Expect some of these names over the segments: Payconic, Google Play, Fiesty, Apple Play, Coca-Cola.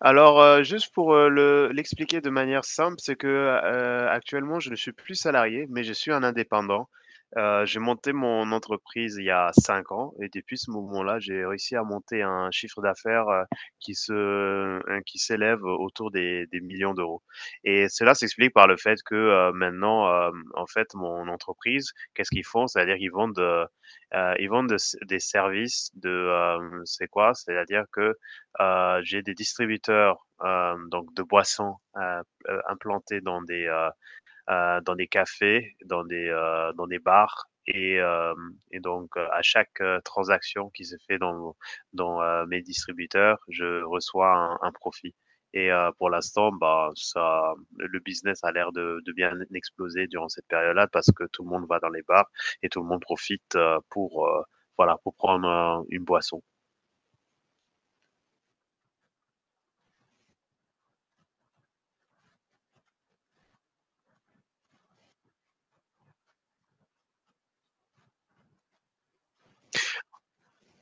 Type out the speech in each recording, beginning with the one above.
Juste pour, le l'expliquer de manière simple, c'est que, actuellement, je ne suis plus salarié, mais je suis un indépendant. J'ai monté mon entreprise il y a 5 ans et depuis ce moment-là, j'ai réussi à monter un chiffre d'affaires qui s'élève autour des millions d'euros. Et cela s'explique par le fait que, maintenant, en fait, mon entreprise, qu'est-ce qu'ils font? C'est-à-dire qu'ils vendent, ils vendent de des services de. C'est quoi? C'est-à-dire que, j'ai des distributeurs donc de boissons, implantés dans des cafés, dans des bars et donc à chaque transaction qui se fait dans mes distributeurs, je reçois un profit. Et pour l'instant, bah ça, le business a l'air de bien exploser durant cette période-là parce que tout le monde va dans les bars et tout le monde profite, pour voilà, pour prendre une boisson.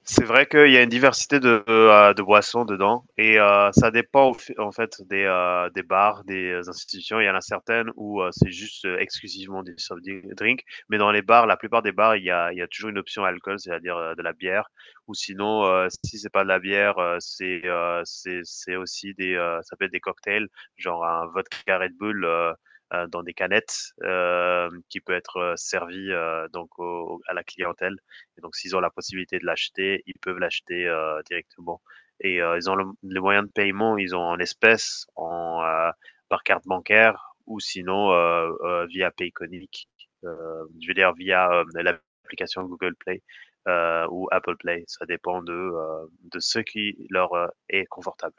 C'est vrai qu'il y a une diversité de boissons dedans, et ça dépend en fait des bars, des institutions. Il y en a certaines où c'est juste exclusivement des soft drinks, mais dans les bars, la plupart des bars, il y a toujours une option alcool, c'est-à-dire de la bière. Ou sinon, si c'est pas de la bière, c'est aussi des ça peut être des cocktails, genre un vodka Red Bull, dans des canettes, qui peut être servi, donc à la clientèle. Et donc, s'ils ont la possibilité de l'acheter, ils peuvent l'acheter directement. Et ils ont les moyens de paiement, ils ont en espèces, par carte bancaire, ou sinon via Payconic, je veux dire via l'application Google Play ou Apple Play. Ça dépend de ce qui leur est confortable.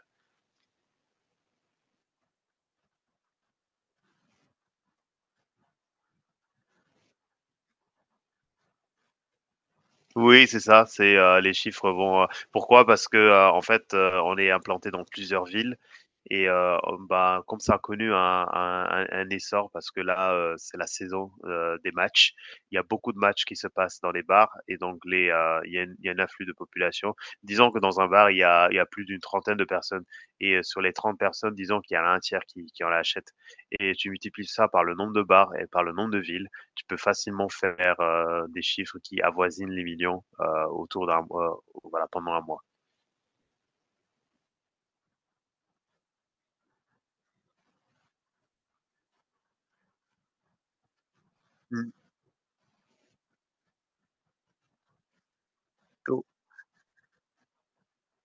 Oui, c'est ça. Les chiffres vont, pourquoi? Parce que, en fait, on est implanté dans plusieurs villes, et ben, comme ça a connu un essor parce que là, c'est la saison, des matchs. Il y a beaucoup de matchs qui se passent dans les bars, et donc il y a un afflux de population. Disons que dans un bar, il y a plus d'une trentaine de personnes, et sur les 30 personnes, disons qu'il y en a un tiers qui en achète, et tu multiplies ça par le nombre de bars et par le nombre de villes. Tu peux facilement faire des chiffres qui avoisinent les millions, autour d'un mois, voilà, pendant un mois.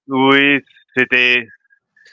Oui, c'était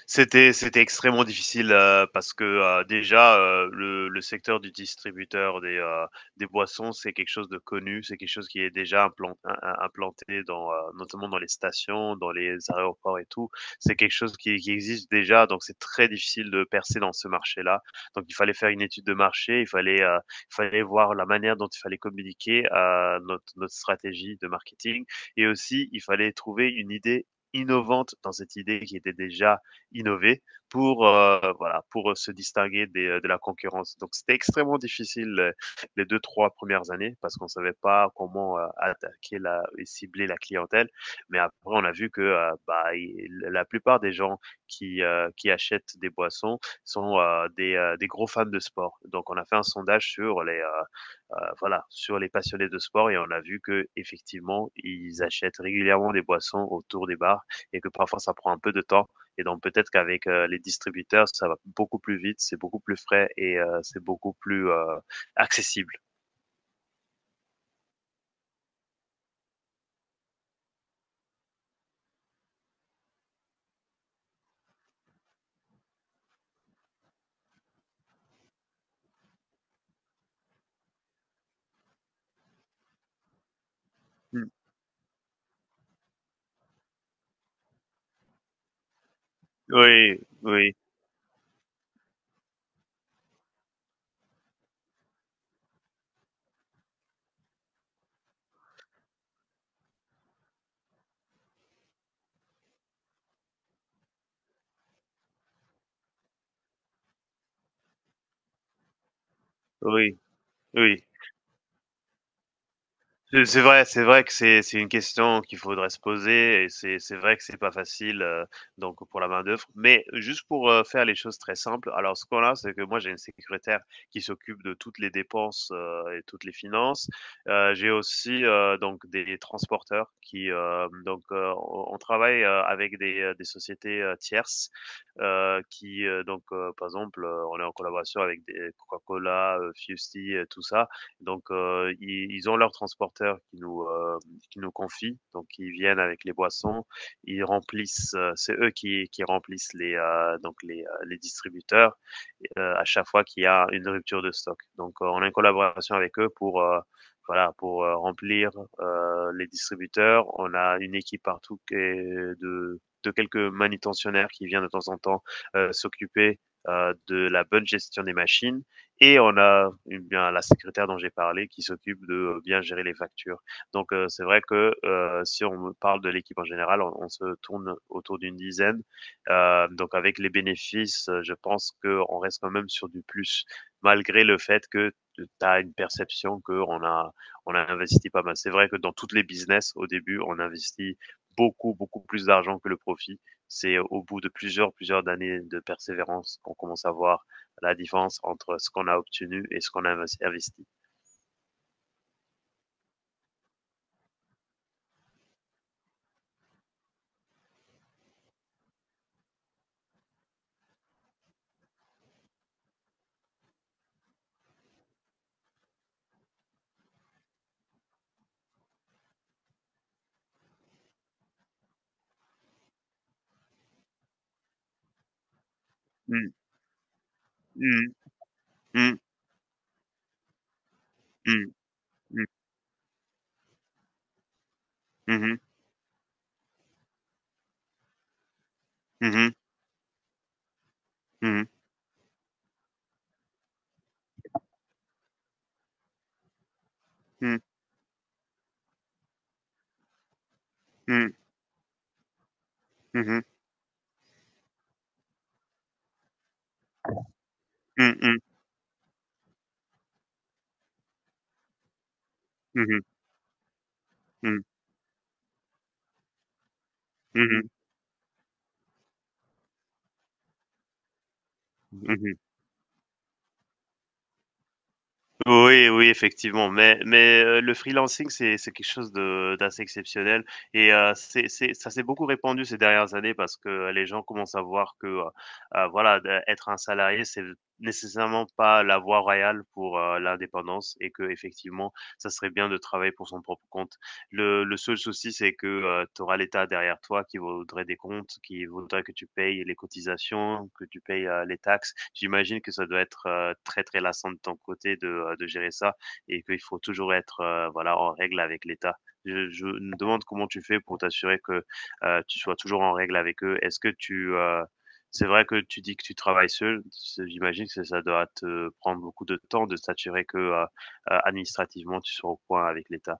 c'était extrêmement difficile, parce que, déjà, le secteur du distributeur des boissons, c'est quelque chose de connu, c'est quelque chose qui est déjà implan im im implanté, notamment dans les stations, dans les aéroports et tout. C'est quelque chose qui existe déjà, donc c'est très difficile de percer dans ce marché-là. Donc il fallait faire une étude de marché, il fallait voir la manière dont il fallait communiquer notre stratégie de marketing, et aussi il fallait trouver une idée innovante dans cette idée qui était déjà innover pour, voilà, pour se distinguer de la concurrence. Donc c'était extrêmement difficile les deux trois premières années parce qu'on savait pas comment attaquer la et cibler la clientèle. Mais après, on a vu que bah, la plupart des gens qui achètent des boissons sont des gros fans de sport. Donc on a fait un sondage sur les voilà, sur les passionnés de sport, et on a vu que effectivement ils achètent régulièrement des boissons autour des bars, et que parfois ça prend un peu de temps, et donc peut-être qu'avec les distributeurs, ça va beaucoup plus vite, c'est beaucoup plus frais, et c'est beaucoup plus accessible. Mm. Oui, oui, oui, oui. C'est vrai que c'est une question qu'il faudrait se poser, et c'est vrai que c'est pas facile, donc pour la main-d'œuvre. Mais juste pour, faire les choses très simples, alors ce qu'on a, c'est que moi j'ai une secrétaire qui s'occupe de toutes les dépenses et toutes les finances. J'ai aussi, donc des transporteurs on travaille, avec des sociétés tierces, par exemple, on est en collaboration avec des Coca-Cola, Fiesty, tout ça. Donc, ils ont leurs transporteurs qui nous confient. Donc ils viennent avec les boissons. Ils c'est eux qui remplissent les distributeurs, à chaque fois qu'il y a une rupture de stock. Donc, on a une collaboration avec eux voilà, pour remplir les distributeurs. On a une équipe partout qui est de quelques manutentionnaires qui viennent de temps en temps s'occuper de la bonne gestion des machines, et on a, eh bien, la secrétaire dont j'ai parlé qui s'occupe de bien gérer les factures. Donc, c'est vrai que, si on me parle de l'équipe en général, on se tourne autour d'une dizaine. Donc avec les bénéfices, je pense qu'on reste quand même sur du plus, malgré le fait que tu as une perception qu'on a on a investi pas mal. C'est vrai que dans toutes les business, au début, on investit beaucoup, beaucoup plus d'argent que le profit. C'est au bout de plusieurs, plusieurs années de persévérance qu'on commence à voir la différence entre ce qu'on a obtenu et ce qu'on a investi. Oui, oui, effectivement, mais, le freelancing, c'est quelque chose de d'assez exceptionnel, et c'est ça, s'est beaucoup répandu ces dernières années parce que les gens commencent à voir que, voilà, de être un salarié, c'est nécessairement pas la voie royale pour, l'indépendance, et que effectivement, ça serait bien de travailler pour son propre compte. Le seul souci, c'est que, tu auras l'État derrière toi qui voudrait des comptes, qui voudrait que tu payes les cotisations, que tu payes, les taxes. J'imagine que ça doit être, très, très lassant de ton côté de gérer ça, et qu'il faut toujours être, voilà, en règle avec l'État. Je me demande comment tu fais pour t'assurer que, tu sois toujours en règle avec eux? C'est vrai que tu dis que tu travailles seul, ce j'imagine que ça doit te prendre beaucoup de temps de s'assurer que, administrativement, tu sois au point avec l'État.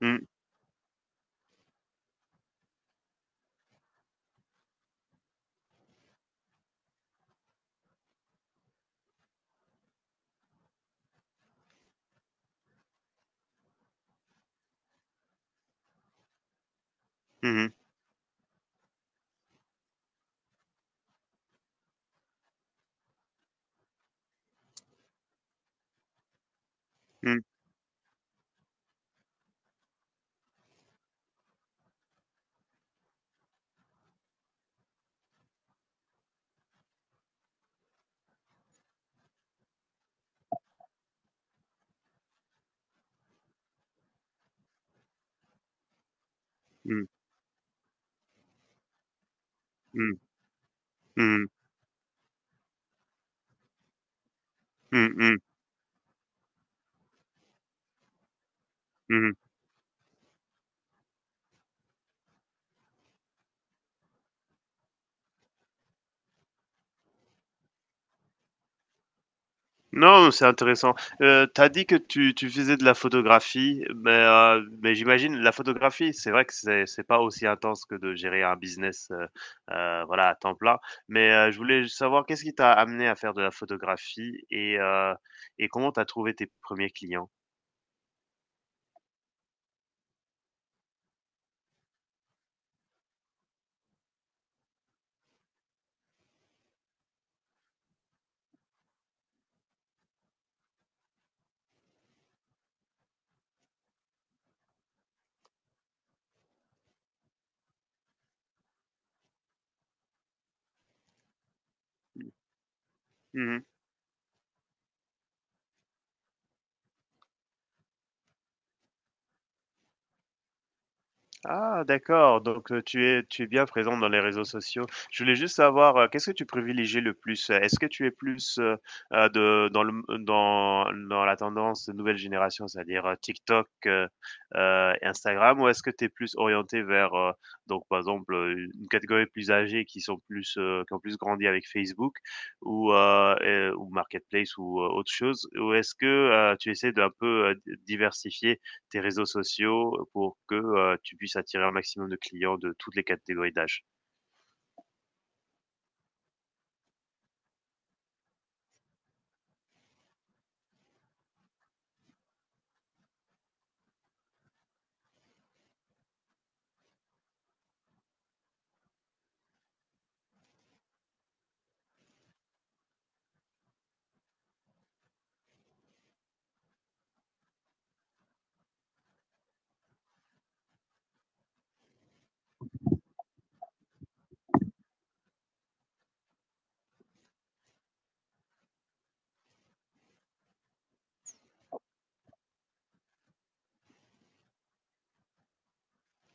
Mmh. Mmh. Mmh. Mmh. Mmh. Mmh. Mmh mh. Mmh. Non, c'est intéressant. Tu as dit que tu faisais de la photographie, mais j'imagine la photographie, c'est vrai que c'est pas aussi intense que de gérer un business, voilà, à temps plein. Mais je voulais savoir qu'est-ce qui t'a amené à faire de la photographie et comment tu as trouvé tes premiers clients? Mmh. Ah, d'accord, donc, tu es bien présent dans les réseaux sociaux. Je voulais juste savoir, qu'est-ce que tu privilégies le plus? Est-ce que tu es plus, de dans le dans dans la tendance de nouvelle génération, c'est-à-dire, TikTok, Instagram, ou est-ce que tu es plus orienté vers, donc par exemple, une catégorie plus âgée qui ont plus grandi avec Facebook, ou Marketplace, ou autre chose? Ou est-ce que, tu essaies d'un peu, diversifier tes réseaux sociaux pour que, tu puisses attirer un maximum de clients de toutes les catégories d'âge.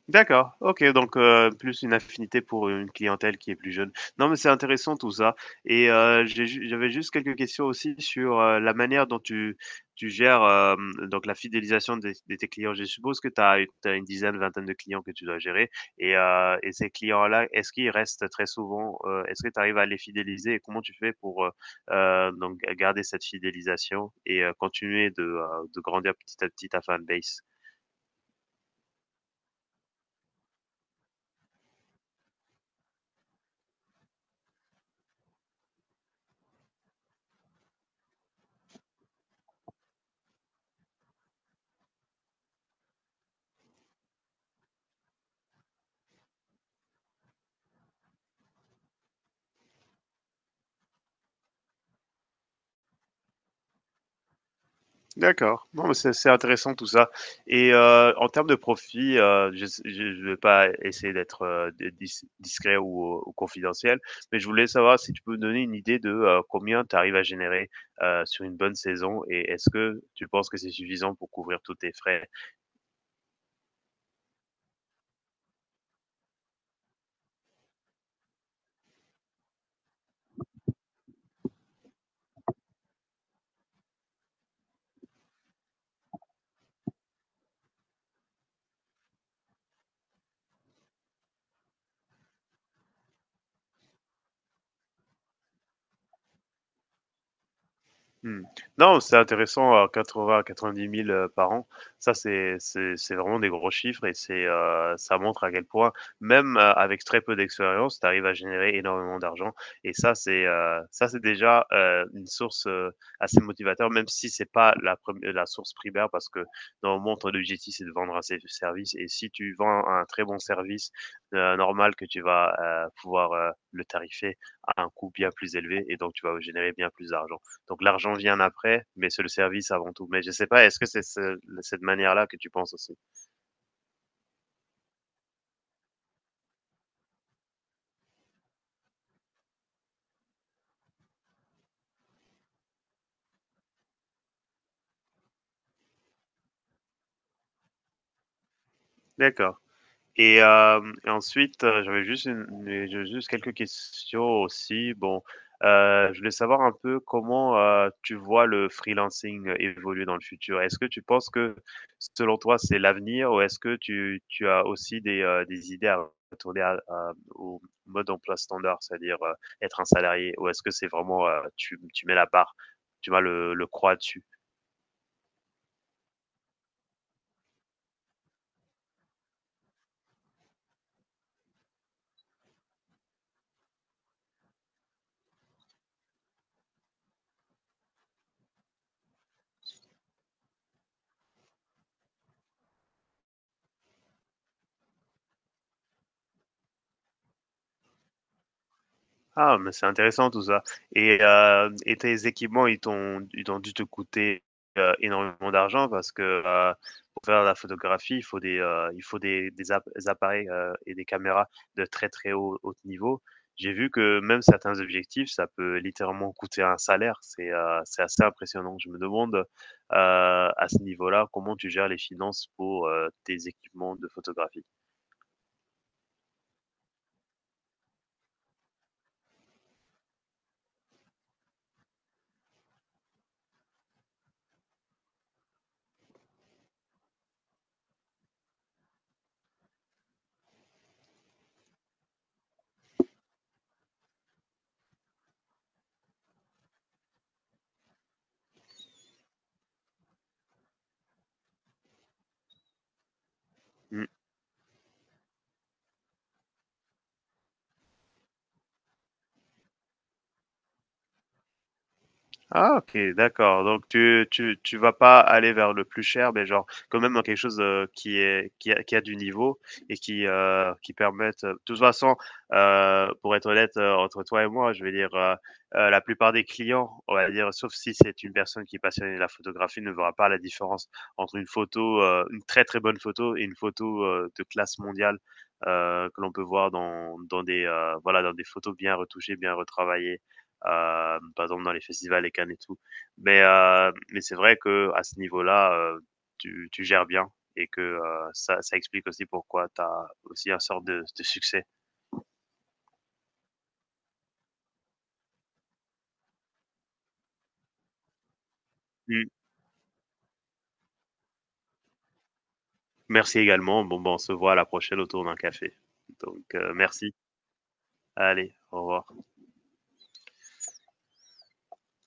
D'accord, OK, donc, plus une affinité pour une clientèle qui est plus jeune. Non, mais c'est intéressant tout ça, et j'avais juste quelques questions aussi sur, la manière dont tu gères, donc la fidélisation des de tes clients. Je suppose que tu as une dizaine, vingtaine de clients que tu dois gérer, et ces clients-là, est-ce qu'ils restent très souvent? Est-ce que tu arrives à les fidéliser, et comment tu fais pour, donc garder cette fidélisation, et continuer de grandir petit à petit ta fanbase? D'accord. Non, mais c'est intéressant tout ça et en termes de profit, je ne vais pas essayer d'être, de dis discret ou confidentiel, mais je voulais savoir si tu peux me donner une idée de, combien tu arrives à générer, sur une bonne saison et est-ce que tu penses que c'est suffisant pour couvrir tous tes frais? Mmh. Non, c'est intéressant à 80 à 90 000, par an. Ça, c'est vraiment des gros chiffres et c'est, ça montre à quel point, même, avec très peu d'expérience, tu arrives à générer énormément d'argent et ça, c'est déjà, une source, assez motivateur, même si c'est pas la prem la source primaire parce que, normalement, ton objectif, c'est de vendre un sé service et si tu vends un très bon service, normal que tu vas, pouvoir, le tarifer à un coût bien plus élevé et donc tu vas générer bien plus d'argent. Donc l'argent vient après, mais c'est le service avant tout. Mais je sais pas, est-ce que c'est cette manière-là que tu penses aussi? D'accord. Et ensuite, j'ai juste quelques questions aussi. Bon, je voulais savoir un peu comment, tu vois le freelancing, évoluer dans le futur? Est-ce que tu penses que, selon toi, c'est l'avenir ou est-ce que tu as aussi des idées à retourner à au mode emploi standard? C'est-à-dire, être un salarié ou est-ce que c'est vraiment, tu mets la barre, tu vas le croix dessus? Ah, mais c'est intéressant tout ça. Et tes équipements, ils ont dû te coûter, énormément d'argent parce que, pour faire la photographie, il faut des app des appareils, et des caméras de très, très haut niveau. J'ai vu que même certains objectifs, ça peut littéralement coûter un salaire. C'est assez impressionnant. Je me demande, à ce niveau-là, comment tu gères les finances pour, tes équipements de photographie? Mmh. Ah, OK, d'accord, donc tu vas pas aller vers le plus cher, mais genre quand même dans quelque chose, qui est qui a du niveau et qui permette de toute façon, pour être honnête, entre toi et moi, je vais dire, la plupart des clients, on va dire, sauf si c'est une personne qui est passionnée de la photographie, ne verra pas la différence entre une photo, une très, très bonne photo et une photo, de classe mondiale, que l'on peut voir dans des, voilà, dans des photos bien retouchées, bien retravaillées par exemple dans les festivals, les Cannes et tout. Mais c'est vrai que à ce niveau-là, tu gères bien et que ça, ça explique aussi pourquoi tu as aussi un sort de succès. Mm. Merci également. Bon, bon, on se voit à la prochaine autour d'un café. Donc, merci. Allez, au revoir.